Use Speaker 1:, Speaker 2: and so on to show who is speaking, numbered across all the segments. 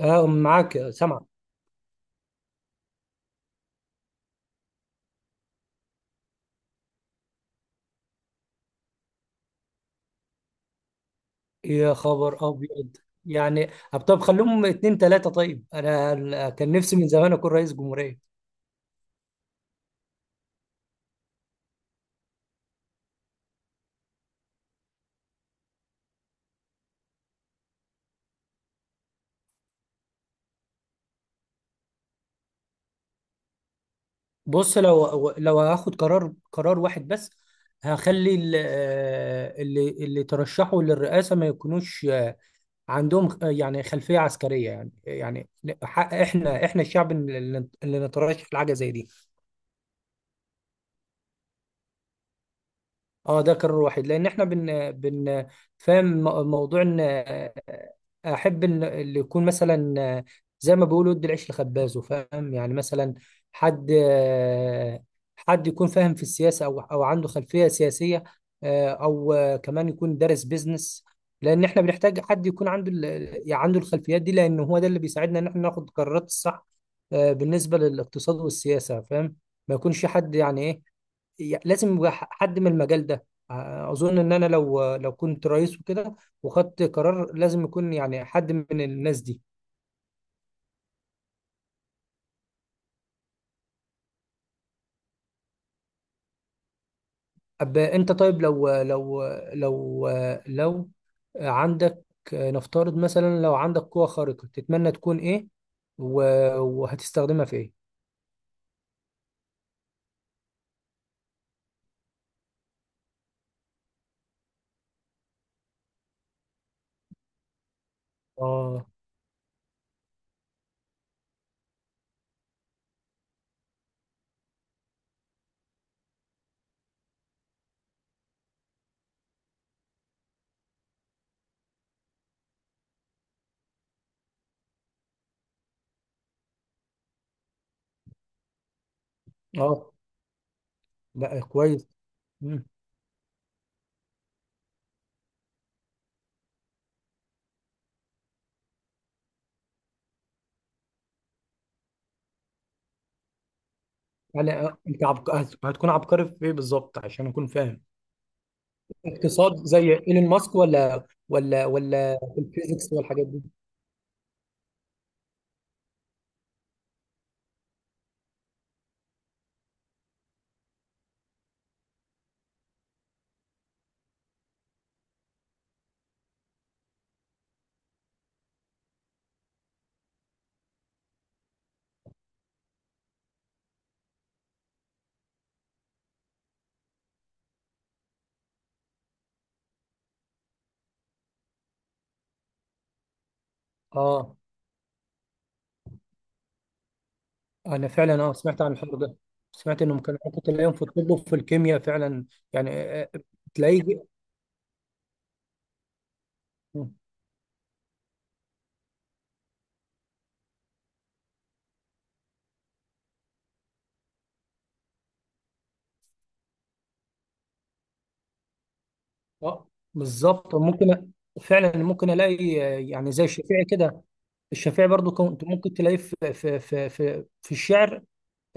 Speaker 1: اه، معاك سامع. يا خبر ابيض، يعني طب خليهم اتنين تلاتة. طيب انا كان نفسي من زمان اكون رئيس جمهورية. بص، لو هاخد قرار واحد بس. هخلي اللي ترشحوا للرئاسة ما يكونوش عندهم، يعني خلفية عسكرية. يعني حق احنا الشعب اللي نترشح لحاجة زي دي. اه، ده قرار واحد لان احنا بن فاهم موضوع ان احب ان اللي يكون مثلا زي ما بيقولوا ادي العيش لخبازه، فاهم يعني؟ مثلا حد حد يكون فاهم في السياسه، او او عنده خلفيه سياسيه، او كمان يكون دارس بيزنس. لان احنا بنحتاج حد يكون عنده يعني عنده الخلفيات دي، لان هو ده اللي بيساعدنا ان احنا ناخد القرارات الصح بالنسبه للاقتصاد والسياسه. فاهم؟ ما يكونش حد يعني ايه، لازم يبقى حد من المجال ده. اظن ان انا لو كنت رئيس وكده وخدت قرار، لازم يكون يعني حد من الناس دي. أب انت طيب، لو لو عندك، نفترض مثلا، لو عندك قوة خارقة تتمنى تكون ايه؟ وهتستخدمها في ايه؟ اه، اه. لا، كويس. مم. يعني انت هتكون عبقري في ايه بالظبط عشان اكون فاهم؟ اقتصاد زي ايلون ماسك، ولا في الفيزيكس والحاجات دي؟ اه، انا فعلا اه سمعت عن الحوار ده. سمعت انهم كانوا ممكن تلاقيهم في الطب وفي الكيمياء فعلا. يعني تلاقيه. اه، بالظبط ممكن. فعلا ممكن الاقي يعني زي الشافعي كده. الشافعي برضو كنت ممكن تلاقيه في الشعر،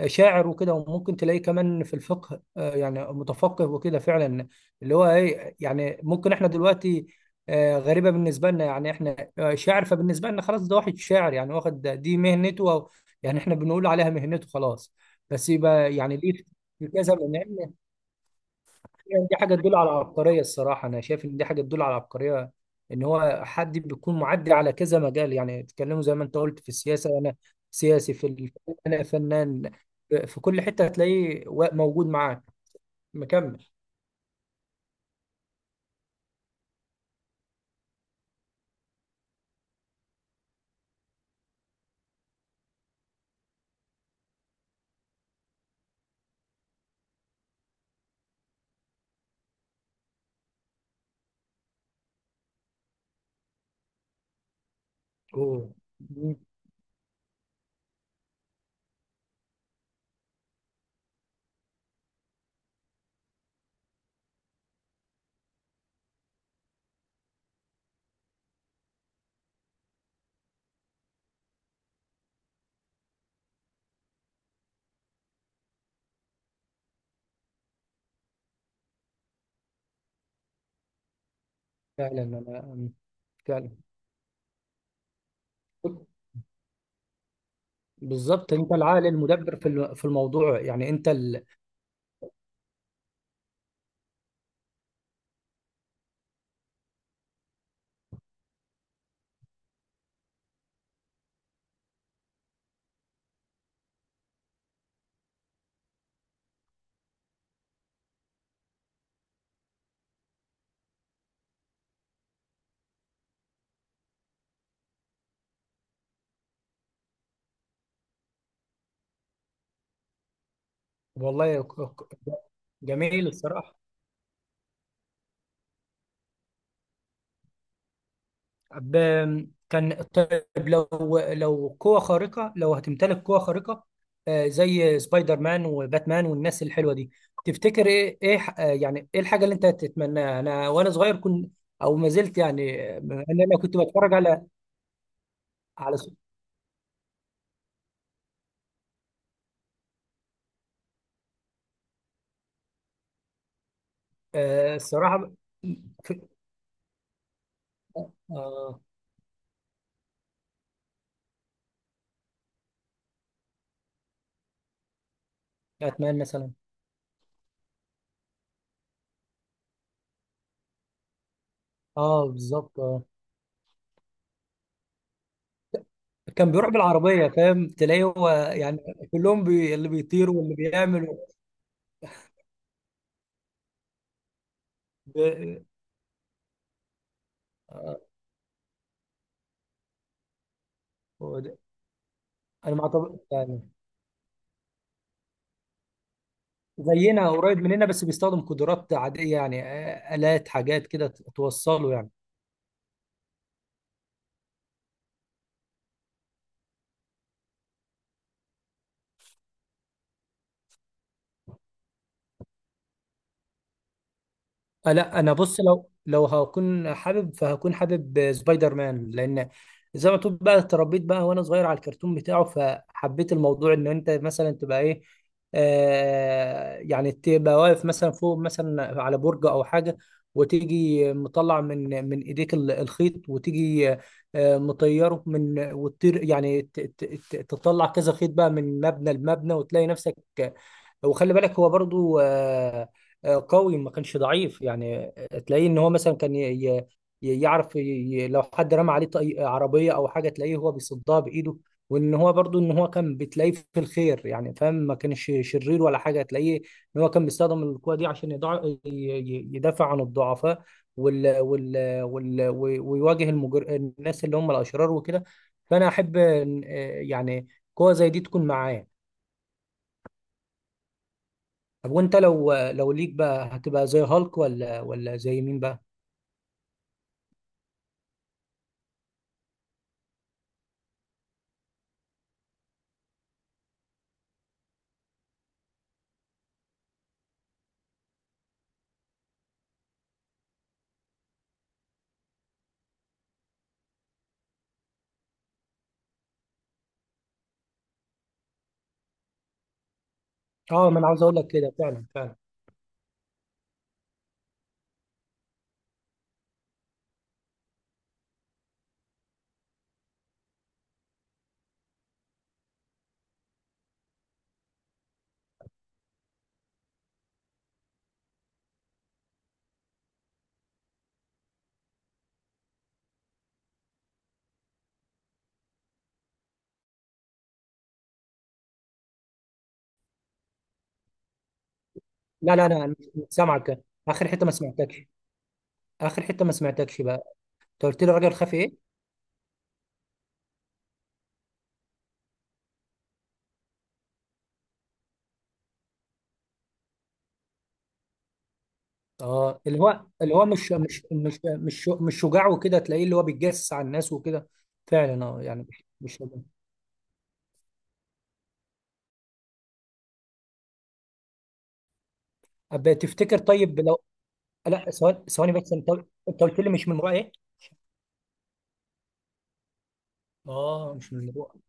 Speaker 1: شاعر وكده، وممكن تلاقيه كمان في الفقه، يعني متفقه وكده فعلا. اللي هو ايه يعني؟ ممكن احنا دلوقتي غريبة بالنسبة لنا. يعني احنا شاعر، فبالنسبة لنا خلاص ده واحد شاعر، يعني واخد دي مهنته، أو يعني احنا بنقول عليها مهنته، خلاص. بس يبقى يعني ليه في كذا من علم؟ يعني دي حاجه تدل على عبقريه الصراحه. انا شايف ان دي حاجه تدل على عبقريه، ان هو حد بيكون معدي على كذا مجال. يعني اتكلموا زي ما انت قلت في السياسه، انا سياسي في انا فنان في كل حته هتلاقيه موجود معاك، مكمل. اوه، فعلا. انا فعلا. بالظبط، انت العقل المدبر في في الموضوع. يعني انت ال... والله جميل الصراحه. كان طيب، لو قوة خارقة، لو هتمتلك قوة خارقة زي سبايدر مان وباتمان والناس الحلوة دي، تفتكر ايه يعني ايه الحاجة اللي انت تتمناها؟ انا وانا صغير كنت، او ما زلت يعني بما ان انا كنت بتفرج على على س- الصراحة في آه باتمان مثلا. اه، بالظبط، اه. كان بيروح بالعربية، فاهم؟ تلاقيه هو يعني كلهم بي... اللي بيطير واللي بيعمل و... ب... آه، هو ده. انا مع يعني زينا، قريب مننا، بس بيستخدم قدرات عادية، يعني آلات، حاجات كده توصله يعني. لا، انا بص، لو هكون حابب، فهكون حابب سبايدر مان، لان زي ما تقول بقى اتربيت بقى وانا صغير على الكرتون بتاعه، فحبيت الموضوع ان انت مثلا تبقى ايه. آه يعني تبقى واقف مثلا فوق مثلا على برج او حاجه، وتيجي مطلع من ايديك الخيط، وتيجي آه مطيره من وتطير، يعني تطلع كذا خيط بقى من مبنى لمبنى، وتلاقي نفسك. وخلي بالك هو برضو قوي، ما كانش ضعيف. يعني تلاقيه ان هو مثلا كان يعرف لو حد رمى عليه عربية او حاجة، تلاقيه هو بيصدها بايده. وان هو برضو ان هو كان بتلاقيه في الخير، يعني فاهم، ما كانش شرير ولا حاجة. تلاقيه ان هو كان بيستخدم القوة دي عشان يدافع عن الضعفاء وال وال وال ويواجه الناس اللي هم الاشرار وكده. فانا احب يعني قوة زي دي تكون معايا. طب وانت، لو ليك بقى، هتبقى زي هالك ولا زي مين بقى؟ اه، ما انا عاوز اقول لك كده، فعلا. لا لا، انا مش سامعك اخر حته، ما سمعتكش. اخر حته ما سمعتكش بقى. انت قلت لي الراجل خافي ايه؟ اه، اللي هو مش شجاع وكده، تلاقيه اللي هو بيتجسس على الناس وكده. فعلا، اه، يعني مش شجاع. أب تفتكر طيب لو، لا ثواني ثواني بس، انت انت قلت لي مش من رأي ايه؟ اه، مش من رأي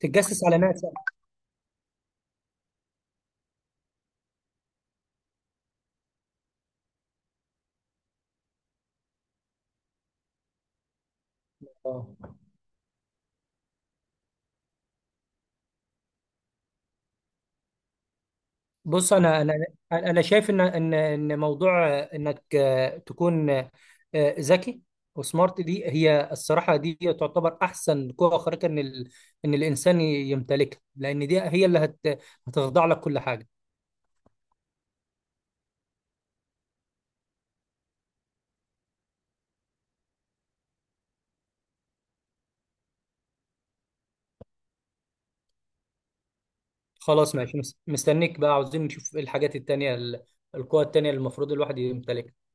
Speaker 1: تتجسس على ناس يعني. اه، بص انا، انا شايف ان ان موضوع انك تكون ذكي وسمارت، دي هي الصراحه، دي تعتبر احسن قوه خارقه ان ال... ان الانسان يمتلكها، لان دي هي اللي هت... هتخضع لك كل حاجه. خلاص ماشي، مستنيك بقى. عاوزين نشوف إيه الحاجات التانيه القوى التانيه اللي المفروض الواحد يمتلكها.